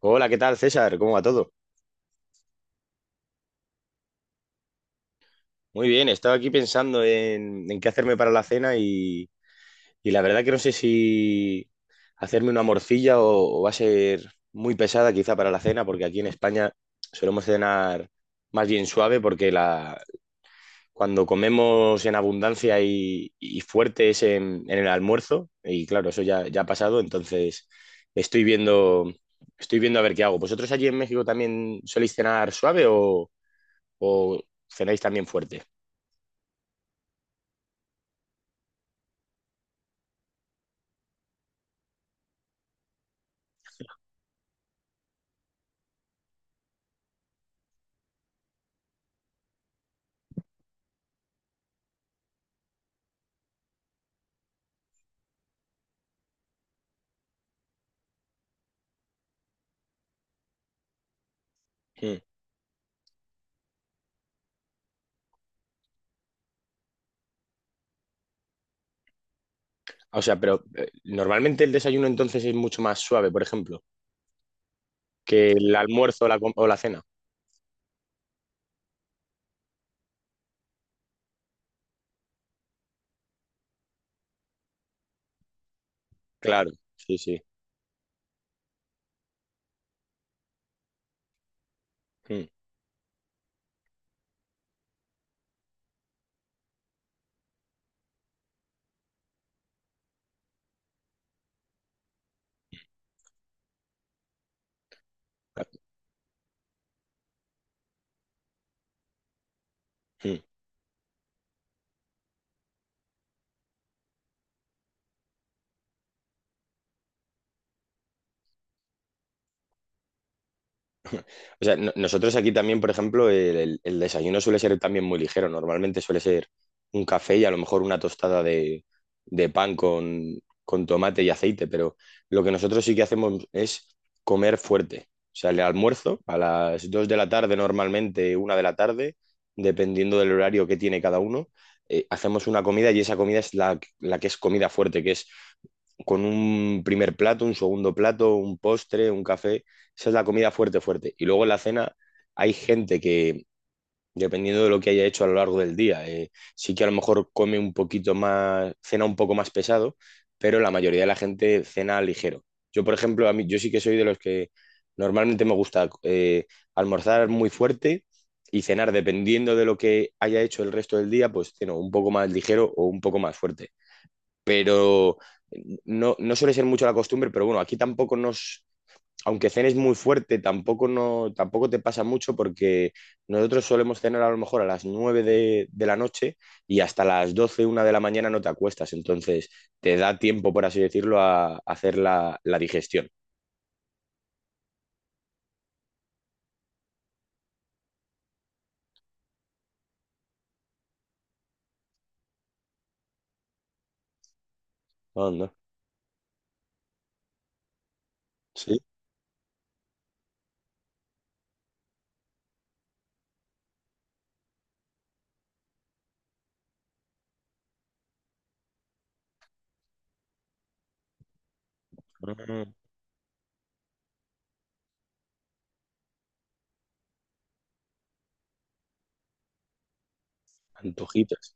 Hola, ¿qué tal, César? ¿Cómo va todo? Muy bien, estaba aquí pensando en qué hacerme para la cena y la verdad que no sé si hacerme una morcilla o va a ser muy pesada quizá para la cena, porque aquí en España solemos cenar más bien suave porque cuando comemos en abundancia y fuerte es en el almuerzo y claro, eso ya ha pasado, entonces estoy viendo, estoy viendo a ver qué hago. ¿Vosotros allí en México también soléis cenar suave o cenáis también fuerte? Mm. O sea, pero normalmente el desayuno entonces es mucho más suave, por ejemplo, que el almuerzo o o la cena. Claro, sí, sí. Mm. Mm. O sea, nosotros aquí también, por ejemplo, el desayuno suele ser también muy ligero. Normalmente suele ser un café y a lo mejor una tostada de pan con tomate y aceite, pero lo que nosotros sí que hacemos es comer fuerte. O sea, el almuerzo a las 2 de la tarde, normalmente 1 de la tarde, dependiendo del horario que tiene cada uno, hacemos una comida y esa comida es la que es comida fuerte, que es con un primer plato, un segundo plato, un postre, un café. Esa es la comida fuerte, fuerte. Y luego en la cena hay gente que, dependiendo de lo que haya hecho a lo largo del día, sí que a lo mejor come un poquito más, cena un poco más pesado, pero la mayoría de la gente cena ligero. Yo, por ejemplo, a mí, yo sí que soy de los que normalmente me gusta almorzar muy fuerte y cenar, dependiendo de lo que haya hecho el resto del día, pues ceno un poco más ligero o un poco más fuerte pero no suele ser mucho la costumbre, pero bueno, aquí tampoco nos, aunque cenes muy fuerte, tampoco, no, tampoco te pasa mucho porque nosotros solemos cenar a lo mejor a las 9 de la noche y hasta las 12 1 de la mañana no te acuestas, entonces te da tiempo, por así decirlo, a hacer la digestión. Anda. Sí. Ah, antojitas.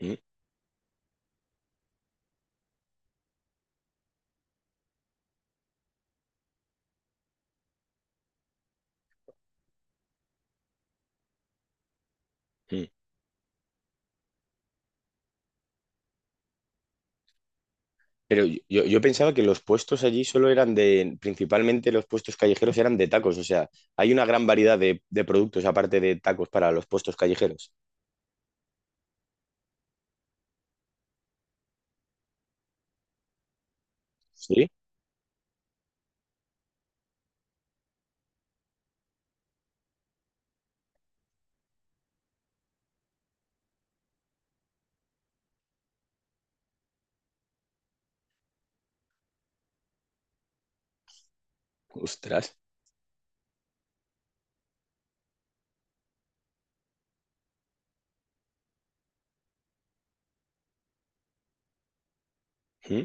Mm, mm. Pero yo pensaba que los puestos allí solo eran principalmente los puestos callejeros eran de tacos, o sea, hay una gran variedad de productos aparte de tacos para los puestos callejeros. ¿Sí? Ostras. ¿Mm?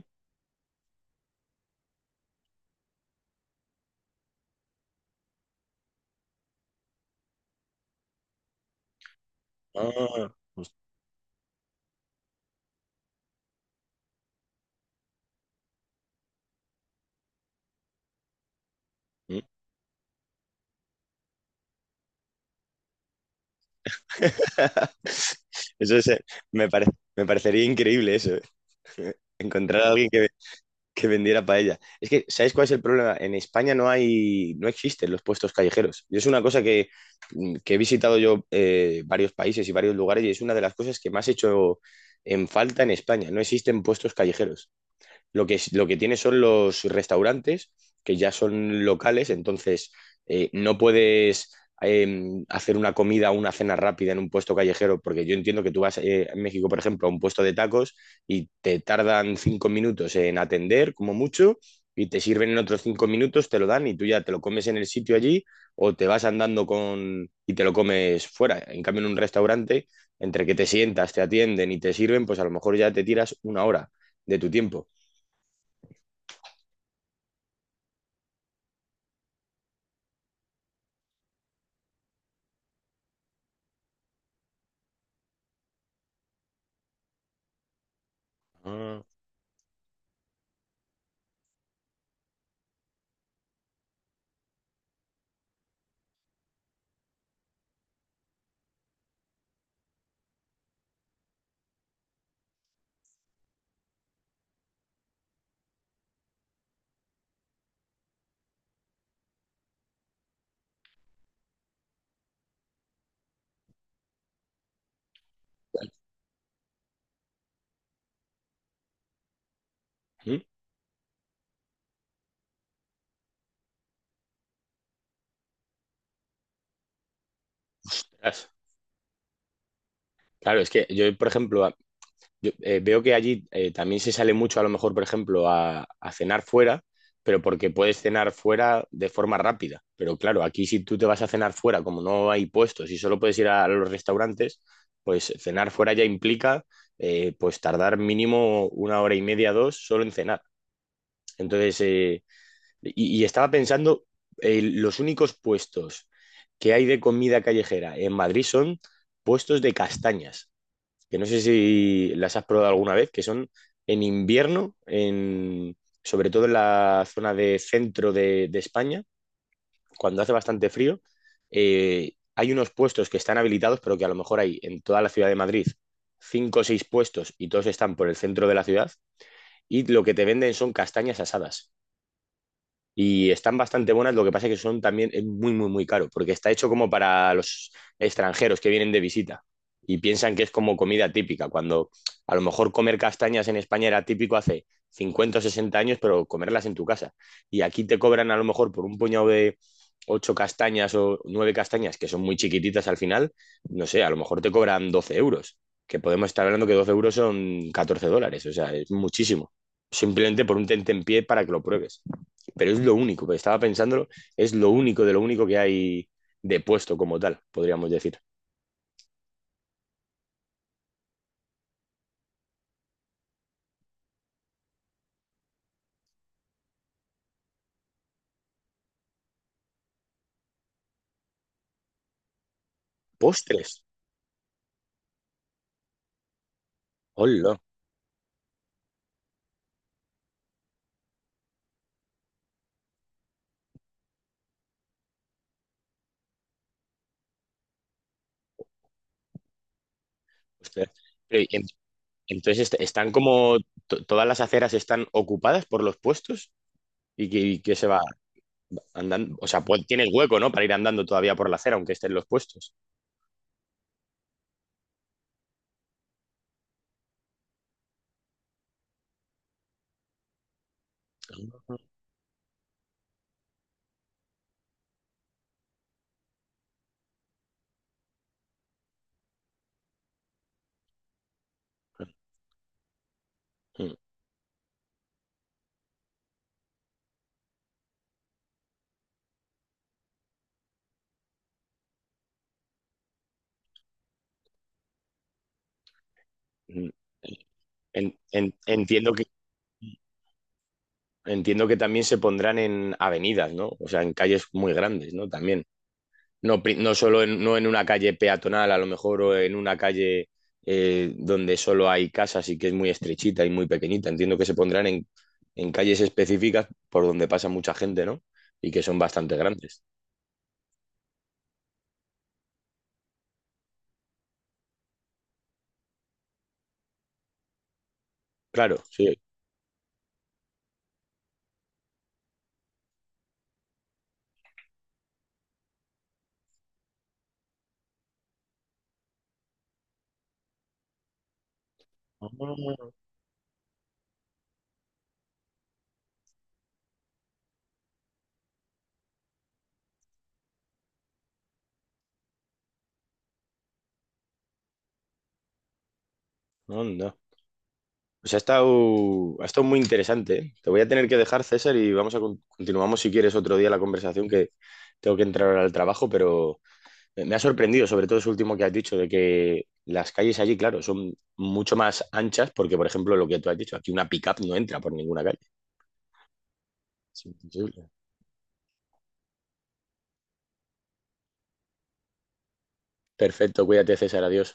Ah, os- ¿Mm? Eso es, me pare- me parecería increíble eso, encontrar a alguien que vendiera paella. Es que, ¿sabéis cuál es el problema? En España no hay, no existen los puestos callejeros. Yo es una cosa que, que he visitado yo varios países y varios lugares y es una de las cosas que más he hecho en falta en España. No existen puestos callejeros. Es lo que tiene son los restaurantes, que ya son locales, entonces no puedes eh, hacer una comida o una cena rápida en un puesto callejero, porque yo entiendo que tú vas en México, por ejemplo, a un puesto de tacos y te tardan 5 minutos en atender, como mucho, y te sirven en otros 5 minutos, te lo dan y tú ya te lo comes en el sitio allí o te vas andando con y te lo comes fuera. En cambio, en un restaurante, entre que te sientas, te atienden y te sirven, pues a lo mejor ya te tiras una hora de tu tiempo. Ah, ujú. Ostras. Claro, es que yo, por ejemplo, yo, veo que allí también se sale mucho, a lo mejor, por ejemplo, a cenar fuera, pero porque puedes cenar fuera de forma rápida. Pero claro, aquí si tú te vas a cenar fuera, como no hay puestos y solo puedes ir a, los restaurantes, pues cenar fuera ya implica pues tardar mínimo una hora y media, dos, solo en cenar. Entonces, y estaba pensando, los únicos puestos que hay de comida callejera en Madrid son puestos de castañas, que no sé si las has probado alguna vez, que son en invierno, sobre todo en la zona de centro de España, cuando hace bastante frío, hay unos puestos que están habilitados, pero que a lo mejor hay en toda la ciudad de Madrid cinco o seis puestos y todos están por el centro de la ciudad, y lo que te venden son castañas asadas. Y están bastante buenas, lo que pasa es que son también es muy, muy, muy caro, porque está hecho como para los extranjeros que vienen de visita y piensan que es como comida típica, cuando a lo mejor comer castañas en España era típico hace 50 o 60 años, pero comerlas en tu casa. Y aquí te cobran a lo mejor por un puñado de ocho castañas o nueve castañas, que son muy chiquititas al final, no sé, a lo mejor te cobran 12 euros, que podemos estar hablando que 12 euros son 14 dólares, o sea, es muchísimo. Simplemente por un tentempié para que lo pruebes pero es lo único, que estaba pensándolo, es lo único de lo único que hay de puesto como tal, podríamos decir. Postres. Hola. Postres. Pero, entonces están como todas las aceras están ocupadas por los puestos y que se va andando, o sea, pues, tienes hueco, ¿no? Para ir andando todavía por la acera, aunque estén los puestos. Mm, mm. en- en- entiendo que, entiendo que también se pondrán en avenidas, ¿no? O sea, en calles muy grandes, ¿no? También. No, no solo no en una calle peatonal, a lo mejor, o en una calle donde solo hay casas y que es muy estrechita y muy pequeñita. Entiendo que se pondrán en calles específicas por donde pasa mucha gente, ¿no? Y que son bastante grandes. Claro, sí. Ah. Anda. Pues ha estado muy interesante, ¿eh? Te voy a tener que dejar, César, y vamos a continuamos si quieres otro día la conversación que tengo que entrar ahora al trabajo, pero, me ha sorprendido, sobre todo eso último que has dicho, de que las calles allí, claro, son mucho más anchas, porque, por ejemplo, lo que tú has dicho, aquí una pick-up no entra por ninguna calle. Es imposible. Perfecto, cuídate, César, adiós.